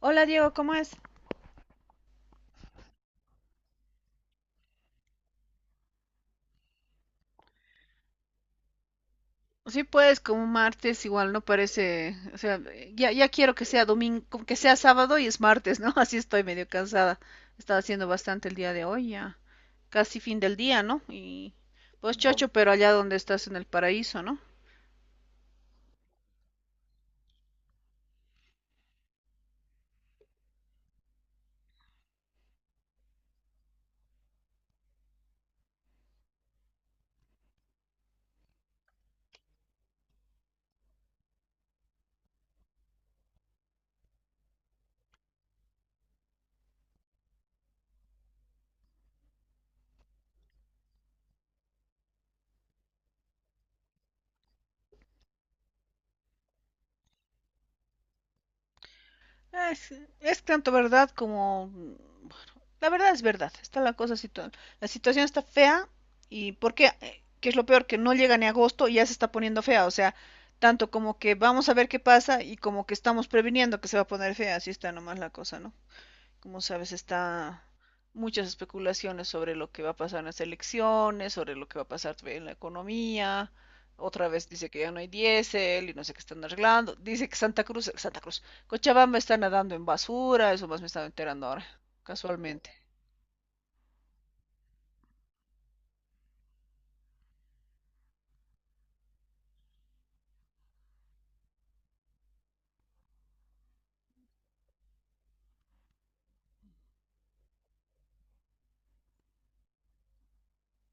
Hola Diego, ¿cómo es? Sí, pues como martes igual no parece, o sea, ya, ya quiero que sea domingo, que sea sábado y es martes, ¿no? Así estoy medio cansada. Estaba haciendo bastante el día de hoy, ya casi fin del día, ¿no? Y pues, no, chocho, pero allá donde estás en el paraíso, ¿no? Es, es tanto verdad como... Bueno, la verdad es verdad. Está la cosa, la situación está fea. ¿Y por qué? ¿Qué es lo peor? Que no llega ni agosto y ya se está poniendo fea. O sea, tanto como que vamos a ver qué pasa y como que estamos previniendo que se va a poner fea. Así está nomás la cosa, ¿no? Como sabes, está muchas especulaciones sobre lo que va a pasar en las elecciones, sobre lo que va a pasar en la economía. Otra vez dice que ya no hay diésel y no sé qué están arreglando. Dice que Santa Cruz, Cochabamba está nadando en basura, eso más me estaba enterando ahora, casualmente.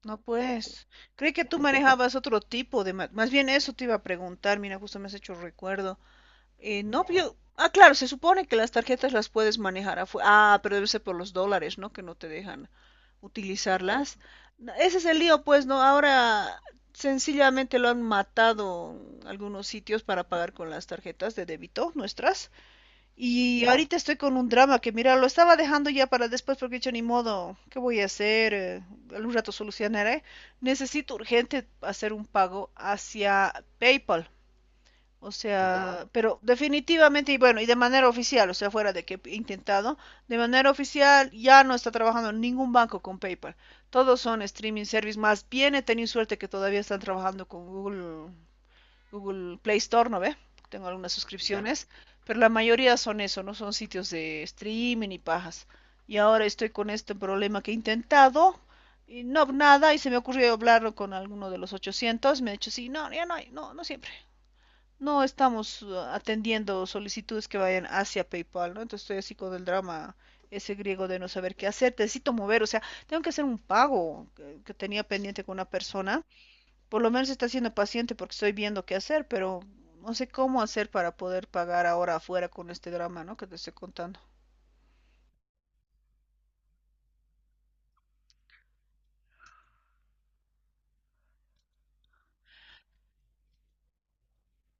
No, pues, creí que tú manejabas otro tipo de... Más bien eso te iba a preguntar, mira, justo me has hecho recuerdo. No, ah, claro, se supone que las tarjetas las puedes manejar afuera. Ah, pero debe ser por los dólares, ¿no? Que no te dejan utilizarlas. No, ese es el lío, pues, ¿no? Ahora sencillamente lo han matado algunos sitios para pagar con las tarjetas de débito nuestras. Y ya, ahorita estoy con un drama que, mira, lo estaba dejando ya para después porque he dicho, ni modo, ¿qué voy a hacer? Algún rato solucionaré. Necesito urgente hacer un pago hacia PayPal. O sea, pero definitivamente, y bueno, y de manera oficial, o sea, fuera de que he intentado, de manera oficial ya no está trabajando ningún banco con PayPal. Todos son streaming service. Más bien he tenido suerte que todavía están trabajando con Google, Google Play Store, ¿no ve? Tengo algunas suscripciones, pero la mayoría son eso, ¿no? Son sitios de streaming y pajas. Y ahora estoy con este problema que he intentado, y no, nada, y se me ocurrió hablarlo con alguno de los 800, me ha dicho, sí, no, ya no hay, no, no siempre. No estamos atendiendo solicitudes que vayan hacia PayPal, ¿no? Entonces estoy así con el drama ese griego de no saber qué hacer. Necesito mover, o sea, tengo que hacer un pago que tenía pendiente con una persona. Por lo menos está siendo paciente porque estoy viendo qué hacer, pero no sé cómo hacer para poder pagar ahora afuera con este drama, ¿no? Que te estoy contando.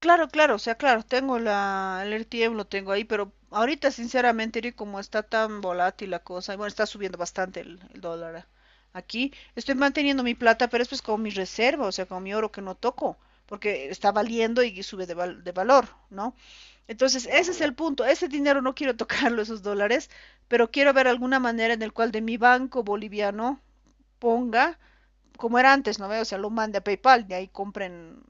Claro, claro, o sea, claro, tengo el RTM, lo tengo ahí, pero ahorita sinceramente, Eri, como está tan volátil la cosa, y bueno, está subiendo bastante el dólar aquí, estoy manteniendo mi plata, pero es pues con mi reserva, o sea, con mi oro que no toco, porque está valiendo y sube de valor, ¿no? Entonces, ese es el punto, ese dinero no quiero tocarlo, esos dólares, pero quiero ver alguna manera en el cual de mi banco boliviano ponga como era antes, ¿no ve? O sea, lo mande a PayPal, de ahí compren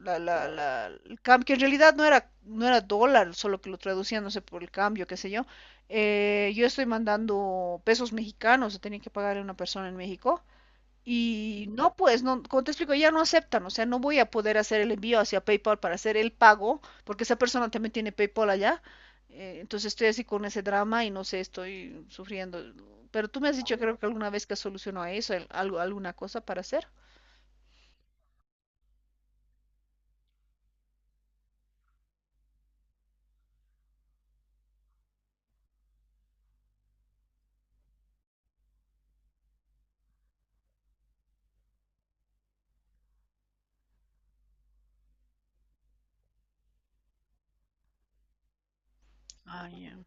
el cambio, que en realidad no era, no era dólar, solo que lo traducían, no sé, por el cambio, qué sé yo. Yo estoy mandando pesos mexicanos, tenía que pagarle a una persona en México y no, pues, no, como te explico, ya no aceptan, o sea, no voy a poder hacer el envío hacia PayPal para hacer el pago, porque esa persona también tiene PayPal allá. Entonces estoy así con ese drama y no sé, estoy sufriendo. Pero tú me has dicho, creo que alguna vez que solucionó eso, algo, alguna cosa para hacer. Ah, ya.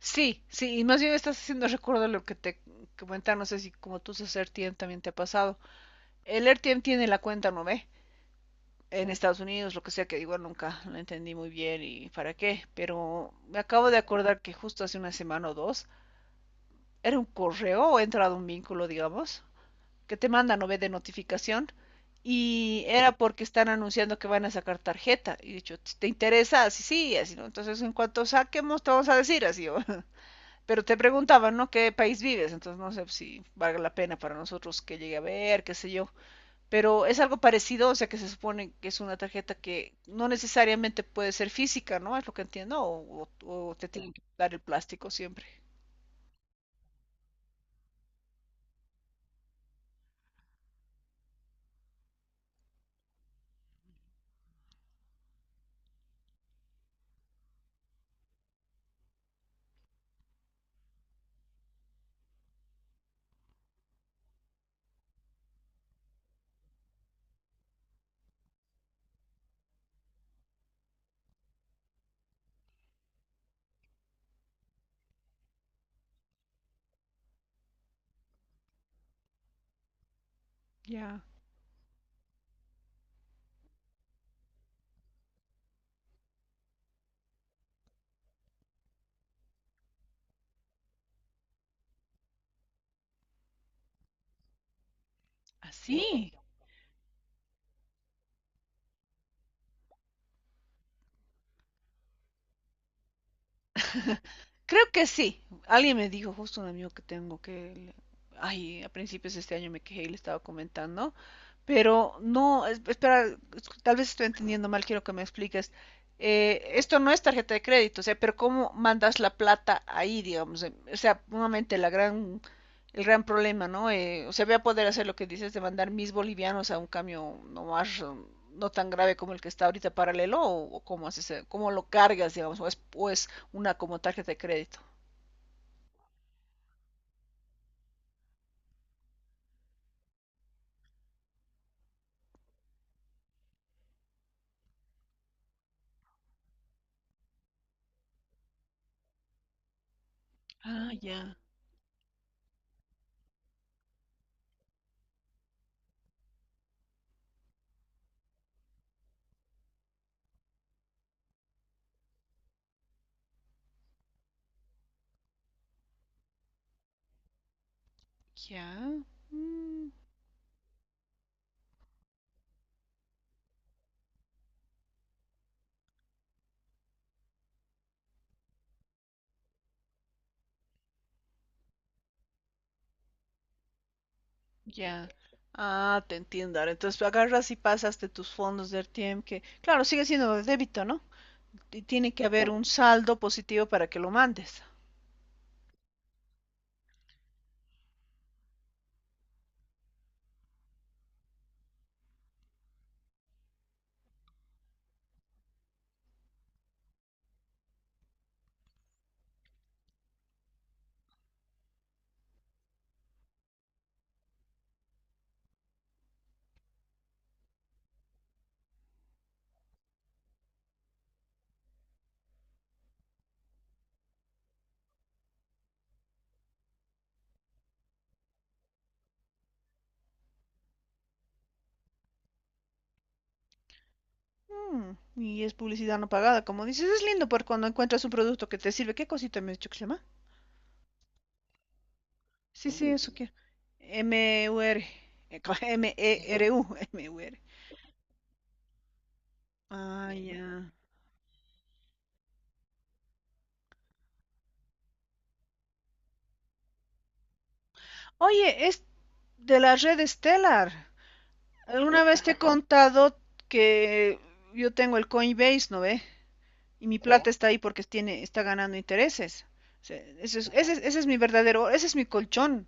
Sí, sí, y más bien estás haciendo recuerdo de lo que te comentaba, no sé si como tú usas RTM también te ha pasado. El RTM tiene la cuenta, ¿no ve? En Estados Unidos, lo que sea, que igual nunca lo entendí muy bien y para qué, pero me acabo de acordar que justo hace una semana o dos era un correo o he entrado un vínculo, digamos, que te mandan no ve de notificación y era porque están anunciando que van a sacar tarjeta y dicho, ¿te interesa? Así sí, así no. Entonces, en cuanto saquemos, te vamos a decir así. ¿O? Pero te preguntaban, ¿no? ¿Qué país vives? Entonces, no sé si valga la pena para nosotros que llegue a ver, qué sé yo, pero es algo parecido, o sea que se supone que es una tarjeta que no necesariamente puede ser física, ¿no? Es lo que entiendo, o, o te tienen que dar el plástico siempre. Ya. Así. Creo que sí. Alguien me dijo, justo un amigo que tengo que, ay, a principios de este año me quejé y le estaba comentando, pero no, espera, tal vez estoy entendiendo mal, quiero que me expliques. Esto no es tarjeta de crédito, o sea, pero ¿cómo mandas la plata ahí, digamos? O sea, nuevamente el gran problema, ¿no? O sea, voy a poder hacer lo que dices de mandar mis bolivianos a un cambio no más, no tan grave como el que está ahorita paralelo, o cómo haces, cómo lo cargas, digamos, o es una como tarjeta de crédito. Ah, ya, ya. Mm, ya. Ah, te entiendo. Ahora, entonces agarras y pasas de tus fondos de RTM, que claro, sigue siendo de débito, ¿no? Y tiene que haber un saldo positivo para que lo mandes. Mm, y es publicidad no pagada, como dices. Es lindo porque cuando encuentras un producto que te sirve, ¿qué cosita me has dicho que se llama? Sí, sí, eso quiero. M-U-R. Eh, M-E-R-U. M-U-R. Ah, ya. Oye, es de la red Stellar. Alguna vez te he contado que yo tengo el Coinbase, ¿no ve? Y mi plata está ahí porque tiene, está ganando intereses. O sea, ese es mi verdadero, ese es mi colchón,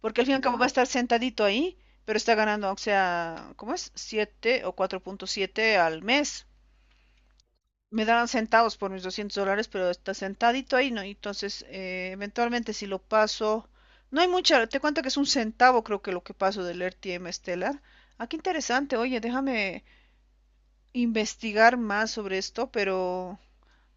porque al fin y al cabo va a estar sentadito ahí, pero está ganando, o sea, ¿cómo es? 7 o 4,7 al mes. Me darán centavos por mis 200 dólares, pero está sentadito ahí, ¿no? Y entonces, eventualmente si lo paso, no hay mucha, te cuento que es un centavo creo que lo que paso del RTM Stellar. Ah, qué interesante, oye, déjame... investigar más sobre esto,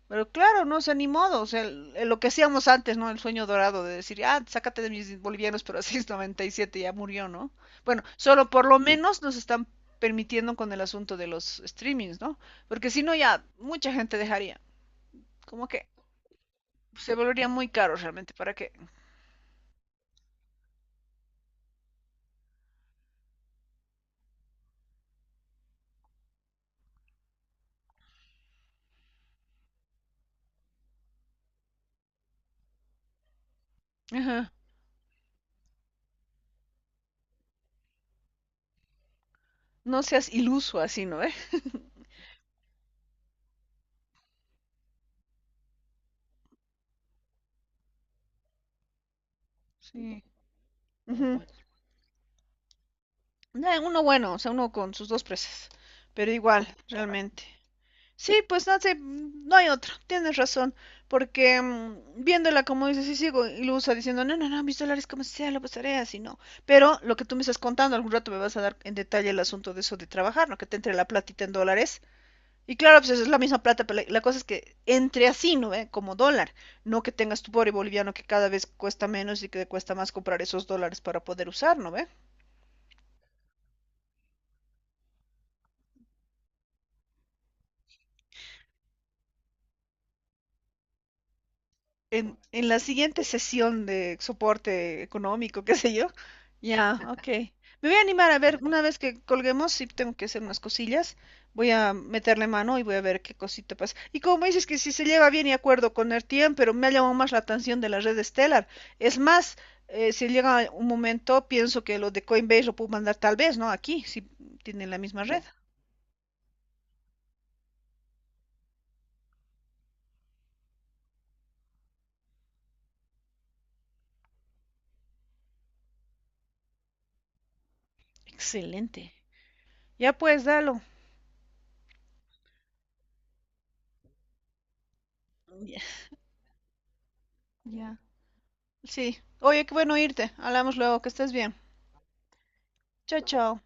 pero claro, no sé, ni modo, o sea, lo que hacíamos antes, ¿no? El sueño dorado de decir, ah, sácate de mis bolivianos, pero a 6,97 ya murió, ¿no? Bueno, solo por lo menos nos están permitiendo con el asunto de los streamings, ¿no? Porque si no, ya mucha gente dejaría, como que se volvería muy caro realmente, ¿para qué? Ajá. No seas iluso así, ¿no? ¿Eh? Sí. Ujú. Nah, uno bueno, o sea, uno con sus dos presas, pero igual, realmente. Sí, pues no sé, mm, no hay otra, tienes razón, porque mm, viéndola como dices, sí sigo ilusa diciendo, no, no, no, mis dólares como sea, lo pasaré así, no. Pero lo que tú me estás contando, algún rato me vas a dar en detalle el asunto de eso de trabajar, ¿no? Que te entre la platita en dólares. Y claro, pues es la misma plata, pero la cosa es que entre así, ¿no ve? Como dólar, no que tengas tu pobre boliviano que cada vez cuesta menos y que te cuesta más comprar esos dólares para poder usar, ¿no ve? En la siguiente sesión de soporte económico, qué sé yo. Ya, ok. Me voy a animar a ver, una vez que colguemos, si tengo que hacer unas cosillas, voy a meterle mano y voy a ver qué cosita pasa. Y como dices que si se lleva bien y acuerdo con Ertien, pero me ha llamado más la atención de la red Stellar. Es más, si llega un momento, pienso que lo de Coinbase lo puedo mandar tal vez, ¿no? Aquí, si tienen la misma red. Excelente. Ya pues, dalo. Ya, ya. Sí. Oye, qué bueno irte. Hablamos luego, que estés bien. Chao, chao.